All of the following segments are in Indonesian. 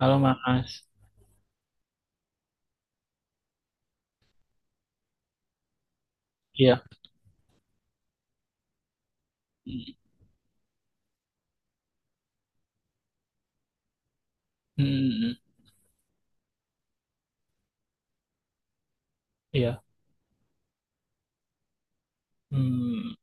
Halo Mas. Iya. Hmm, iya. Hmm,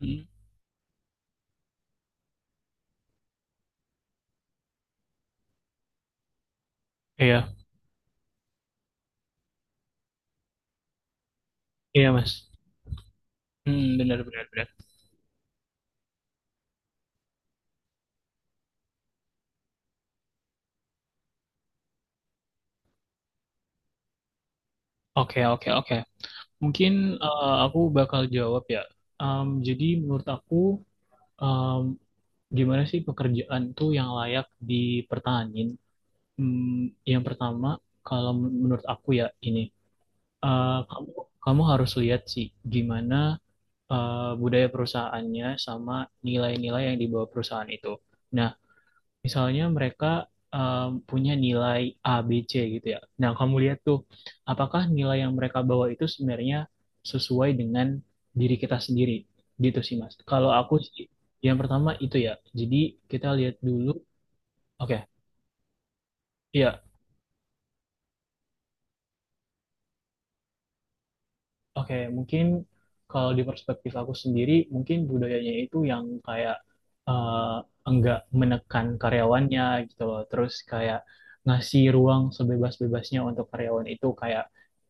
hmm, iya. Iya, Mas. Hmm, benar benar benar. Oke oke oke. Mungkin, aku bakal jawab ya. Jadi menurut aku, em, gimana sih pekerjaan tuh yang layak dipertahanin? Yang pertama, kalau menurut aku ya ini, kamu kamu harus lihat sih gimana, budaya perusahaannya sama nilai-nilai yang dibawa perusahaan itu. Nah, misalnya mereka punya nilai A, B, C gitu ya. Nah, kamu lihat tuh, apakah nilai yang mereka bawa itu sebenarnya sesuai dengan diri kita sendiri? Gitu sih, Mas. Kalau aku sih, yang pertama itu ya. Jadi kita lihat dulu. Oke. Iya. Oke, mungkin kalau di perspektif aku sendiri, mungkin budayanya itu yang kayak, eh, enggak menekan karyawannya gitu loh. Terus kayak ngasih ruang sebebas-bebasnya untuk karyawan itu kayak,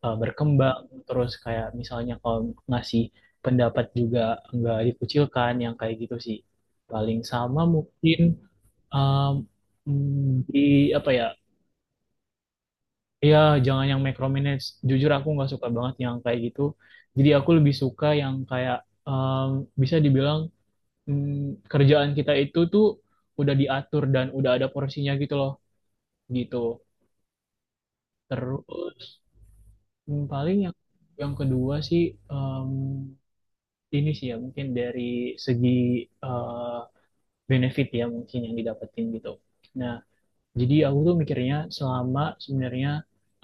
berkembang. Terus kayak misalnya kalau ngasih pendapat juga enggak dikucilkan, yang kayak gitu sih. Paling sama mungkin, em, di apa ya? Iya, jangan yang micromanage. Jujur aku nggak suka banget yang kayak gitu. Jadi aku lebih suka yang kayak, em, bisa dibilang, kerjaan kita itu tuh udah diatur dan udah ada porsinya gitu loh, gitu. Terus paling yang kedua sih, em, ini sih ya mungkin dari segi, eh, benefit ya mungkin yang didapetin gitu. Nah, jadi aku tuh mikirnya selama sebenarnya,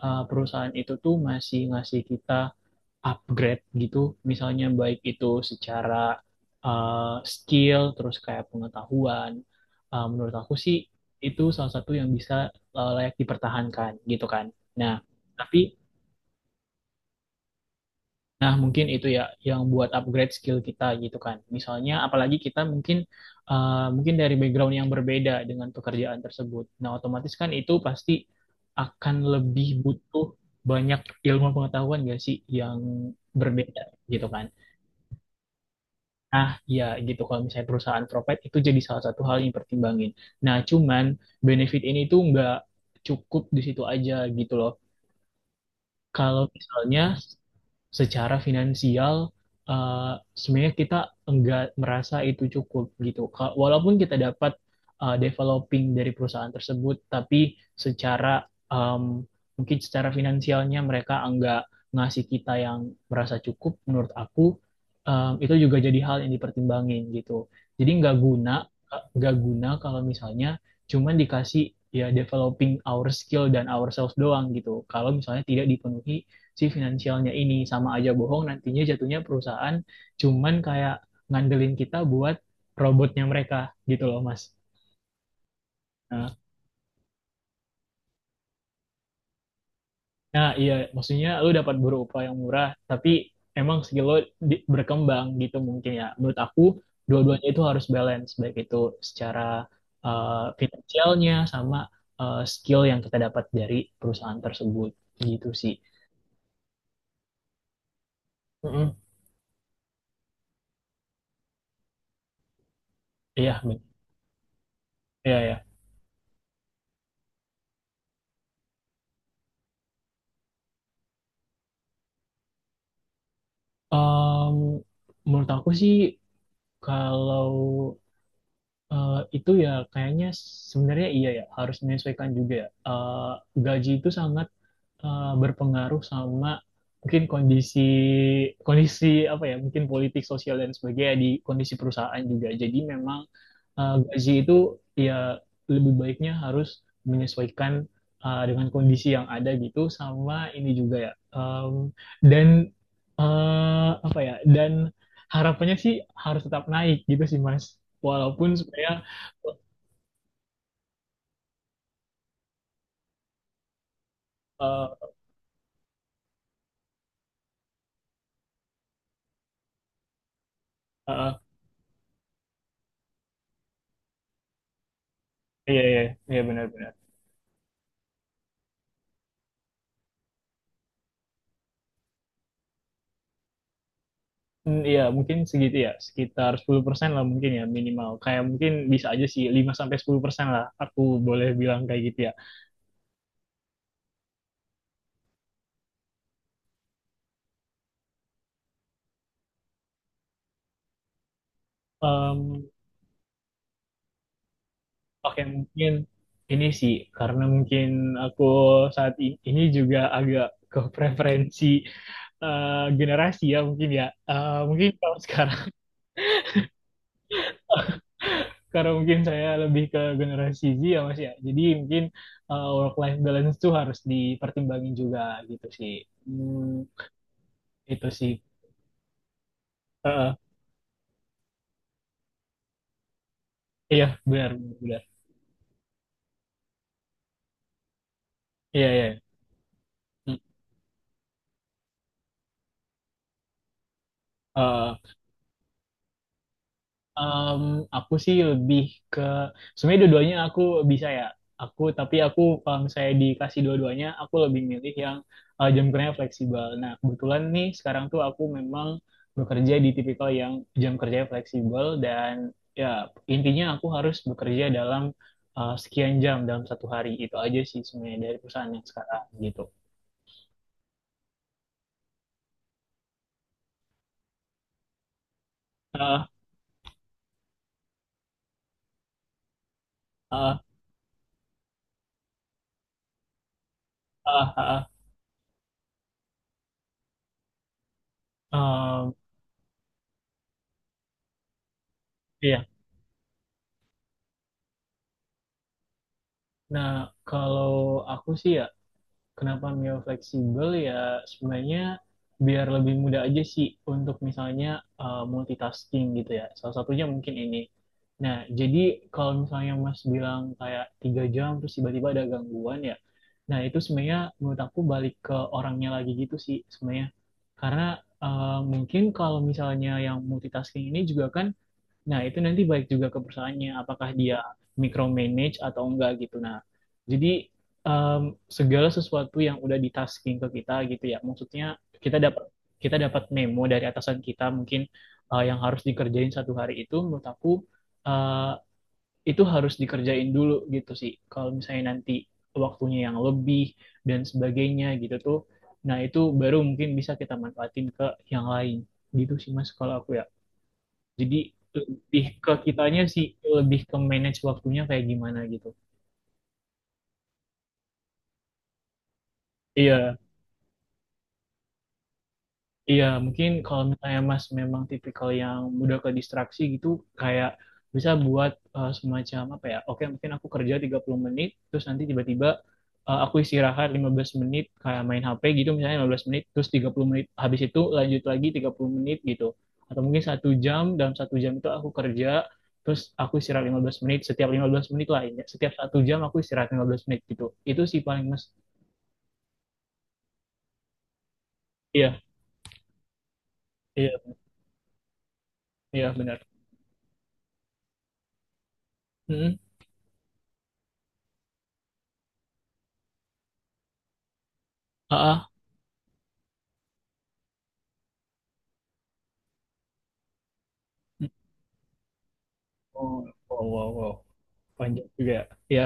perusahaan itu tuh masih ngasih kita upgrade gitu, misalnya baik itu secara, uh, skill, terus kayak pengetahuan. Menurut aku sih itu salah satu yang bisa, layak dipertahankan gitu kan. Nah, tapi. Nah mungkin itu ya yang buat upgrade skill kita gitu kan. Misalnya apalagi kita mungkin, mungkin dari background yang berbeda dengan pekerjaan tersebut. Nah, otomatis kan itu pasti akan lebih butuh banyak ilmu pengetahuan gak sih yang berbeda gitu kan. Nah, ya gitu kalau misalnya perusahaan provide itu jadi salah satu hal yang pertimbangin. Nah, cuman benefit ini tuh nggak cukup di situ aja gitu loh. Kalau misalnya secara finansial, sebenarnya kita enggak merasa itu cukup gitu. Walaupun kita dapat, developing dari perusahaan tersebut, tapi secara, em, mungkin secara finansialnya mereka enggak ngasih kita yang merasa cukup, menurut aku, itu juga jadi hal yang dipertimbangin gitu. Jadi nggak guna kalau misalnya cuman dikasih ya developing our skill dan ourselves doang gitu. Kalau misalnya tidak dipenuhi si finansialnya ini, sama aja bohong, nantinya jatuhnya perusahaan cuman kayak ngandelin kita buat robotnya mereka gitu loh, Mas. Nah. Nah, iya, maksudnya lu dapat berupa yang murah tapi emang skill lo berkembang gitu mungkin ya, menurut aku dua-duanya itu harus balance, baik itu secara, uh, finansialnya sama, skill yang kita dapat dari perusahaan tersebut, gitu sih. Mm-mm. Iya, bener. Iya, ya. Menurut aku sih, kalau, eh, itu ya kayaknya sebenarnya iya ya harus menyesuaikan juga ya. Gaji itu sangat, berpengaruh sama mungkin kondisi, kondisi apa ya, mungkin politik sosial dan sebagainya di kondisi perusahaan juga. Jadi memang, gaji itu ya lebih baiknya harus menyesuaikan, dengan kondisi yang ada gitu, sama ini juga ya. Dan, apa ya, dan harapannya sih harus tetap naik gitu sih, Mas, walaupun sebenarnya. eh, eh, iya, iya, iya, benar-benar. Hmm, iya, mungkin segitu ya, sekitar 10% lah mungkin ya minimal. Kayak mungkin bisa aja sih 5-10% lah, aku boleh bilang kayak gitu ya. Em, Oke, mungkin ini sih karena mungkin aku saat ini juga agak ke preferensi, eh, generasi ya mungkin ya. Mungkin kalau sekarang karena mungkin saya lebih ke generasi Z ya, Mas, ya. Jadi mungkin, work life balance tuh harus dipertimbangin juga gitu sih. Hmm. Itu sih. Eh, eh, iya, benar, benar, benar. Iya, iya. Hmm. Eh, Em, aku sih lebih ke sebenarnya dua-duanya aku bisa ya. Aku kalau misalnya dikasih dua-duanya aku lebih milih yang, jam kerjanya fleksibel. Nah, kebetulan nih sekarang tuh aku memang bekerja di tipikal yang jam kerjanya fleksibel dan ya intinya aku harus bekerja dalam, sekian jam dalam 1 hari. Itu aja sih sebenarnya dari perusahaan yang sekarang gitu. Ah, ah, ah, ah, ah. Em, iya. Nah, kalau aku sih ya kenapa Mio fleksibel ya sebenarnya biar lebih mudah aja sih untuk misalnya, multitasking gitu ya. Salah satunya mungkin ini. Nah, jadi kalau misalnya Mas bilang kayak 3 jam terus tiba-tiba ada gangguan ya, nah itu sebenarnya menurut aku balik ke orangnya lagi gitu sih sebenarnya. Karena, mungkin kalau misalnya yang multitasking ini juga kan. Nah, itu nanti baik juga ke perusahaannya, apakah dia micromanage atau enggak gitu. Nah, jadi, em, segala sesuatu yang udah ditasking ke kita gitu ya, maksudnya kita dapat kita dapat memo dari atasan kita mungkin, yang harus dikerjain satu hari itu, menurut aku, eh, itu harus dikerjain dulu gitu sih. Kalau misalnya nanti waktunya yang lebih dan sebagainya gitu tuh, nah itu baru mungkin bisa kita manfaatin ke yang lain gitu sih, Mas, kalau aku ya. Jadi lebih ke kitanya sih, lebih ke manage waktunya kayak gimana gitu. Iya, iya, mungkin kalau misalnya Mas memang tipikal yang mudah ke distraksi gitu, kayak bisa buat, semacam apa ya, oke mungkin aku kerja 30 menit, terus nanti tiba-tiba, aku istirahat 15 menit, kayak main HP gitu misalnya 15 menit, terus 30 menit, habis itu lanjut lagi 30 menit gitu. Atau mungkin 1 jam, dalam 1 jam itu aku kerja, terus aku istirahat 15 menit, setiap 15 menit lah, ya. Setiap 1 jam aku istirahat 15 menit gitu. Itu sih paling Mas. Iya, iya, iya benar. Mm-mm. Ah, ah. Oh, wow, wow, wow. Panjang juga ya. Iya.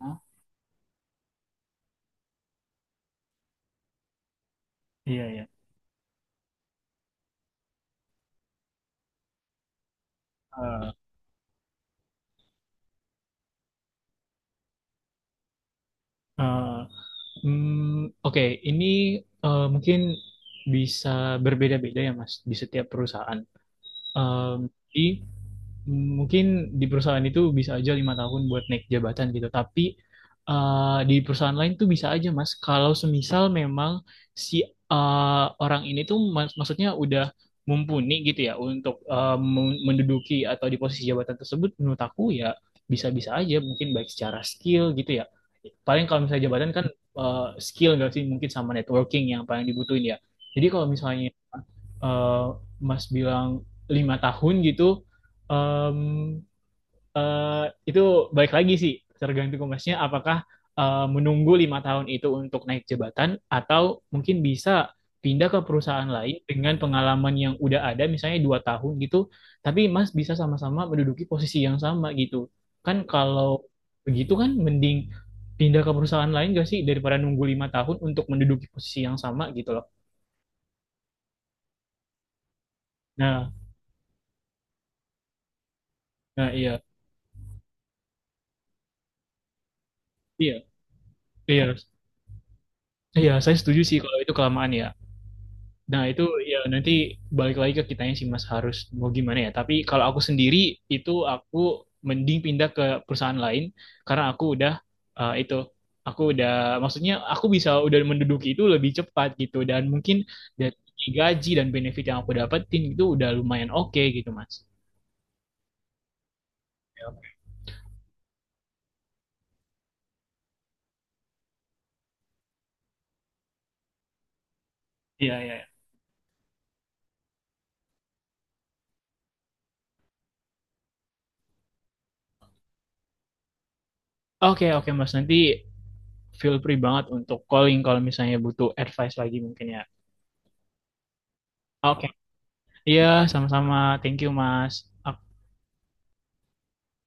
Hah? Iya, iya. Ah, ah, hmm, oke. Ini, mungkin bisa berbeda-beda ya, Mas, di setiap perusahaan. Em, Jadi mungkin di perusahaan itu bisa aja 5 tahun buat naik jabatan gitu, tapi, di perusahaan lain tuh bisa aja, Mas, kalau semisal memang si, orang ini tuh maksudnya udah mumpuni gitu ya untuk, menduduki atau di posisi jabatan tersebut, menurut aku ya bisa-bisa aja mungkin baik secara skill gitu ya. Paling kalau misalnya jabatan kan, skill nggak sih mungkin sama networking yang paling dibutuhin ya. Jadi kalau misalnya, eh, Mas bilang 5 tahun gitu, em, itu balik lagi sih tergantung Masnya apakah, menunggu 5 tahun itu untuk naik jabatan atau mungkin bisa pindah ke perusahaan lain dengan pengalaman yang udah ada misalnya 2 tahun gitu, tapi Mas bisa sama-sama menduduki posisi yang sama gitu. Kan kalau begitu kan mending pindah ke perusahaan lain gak sih daripada nunggu 5 tahun untuk menduduki posisi yang sama gitu loh. Nah. Nah, iya, iya, iya. Iya, saya setuju sih kalau itu kelamaan ya. Nah, itu ya nanti balik lagi ke kitanya sih, Mas harus mau gimana ya. Tapi kalau aku sendiri itu aku mending pindah ke perusahaan lain karena aku udah, itu aku udah, maksudnya aku bisa udah menduduki itu lebih cepat gitu dan mungkin dari segi gaji dan benefit yang aku dapetin itu udah lumayan oke gitu, Mas. Iya, iya, iya. Oke, oke, Mas. Nanti feel free banget untuk calling kalau misalnya butuh advice lagi mungkin ya. Oke. Iya, sama-sama. Thank you, Mas. Ak-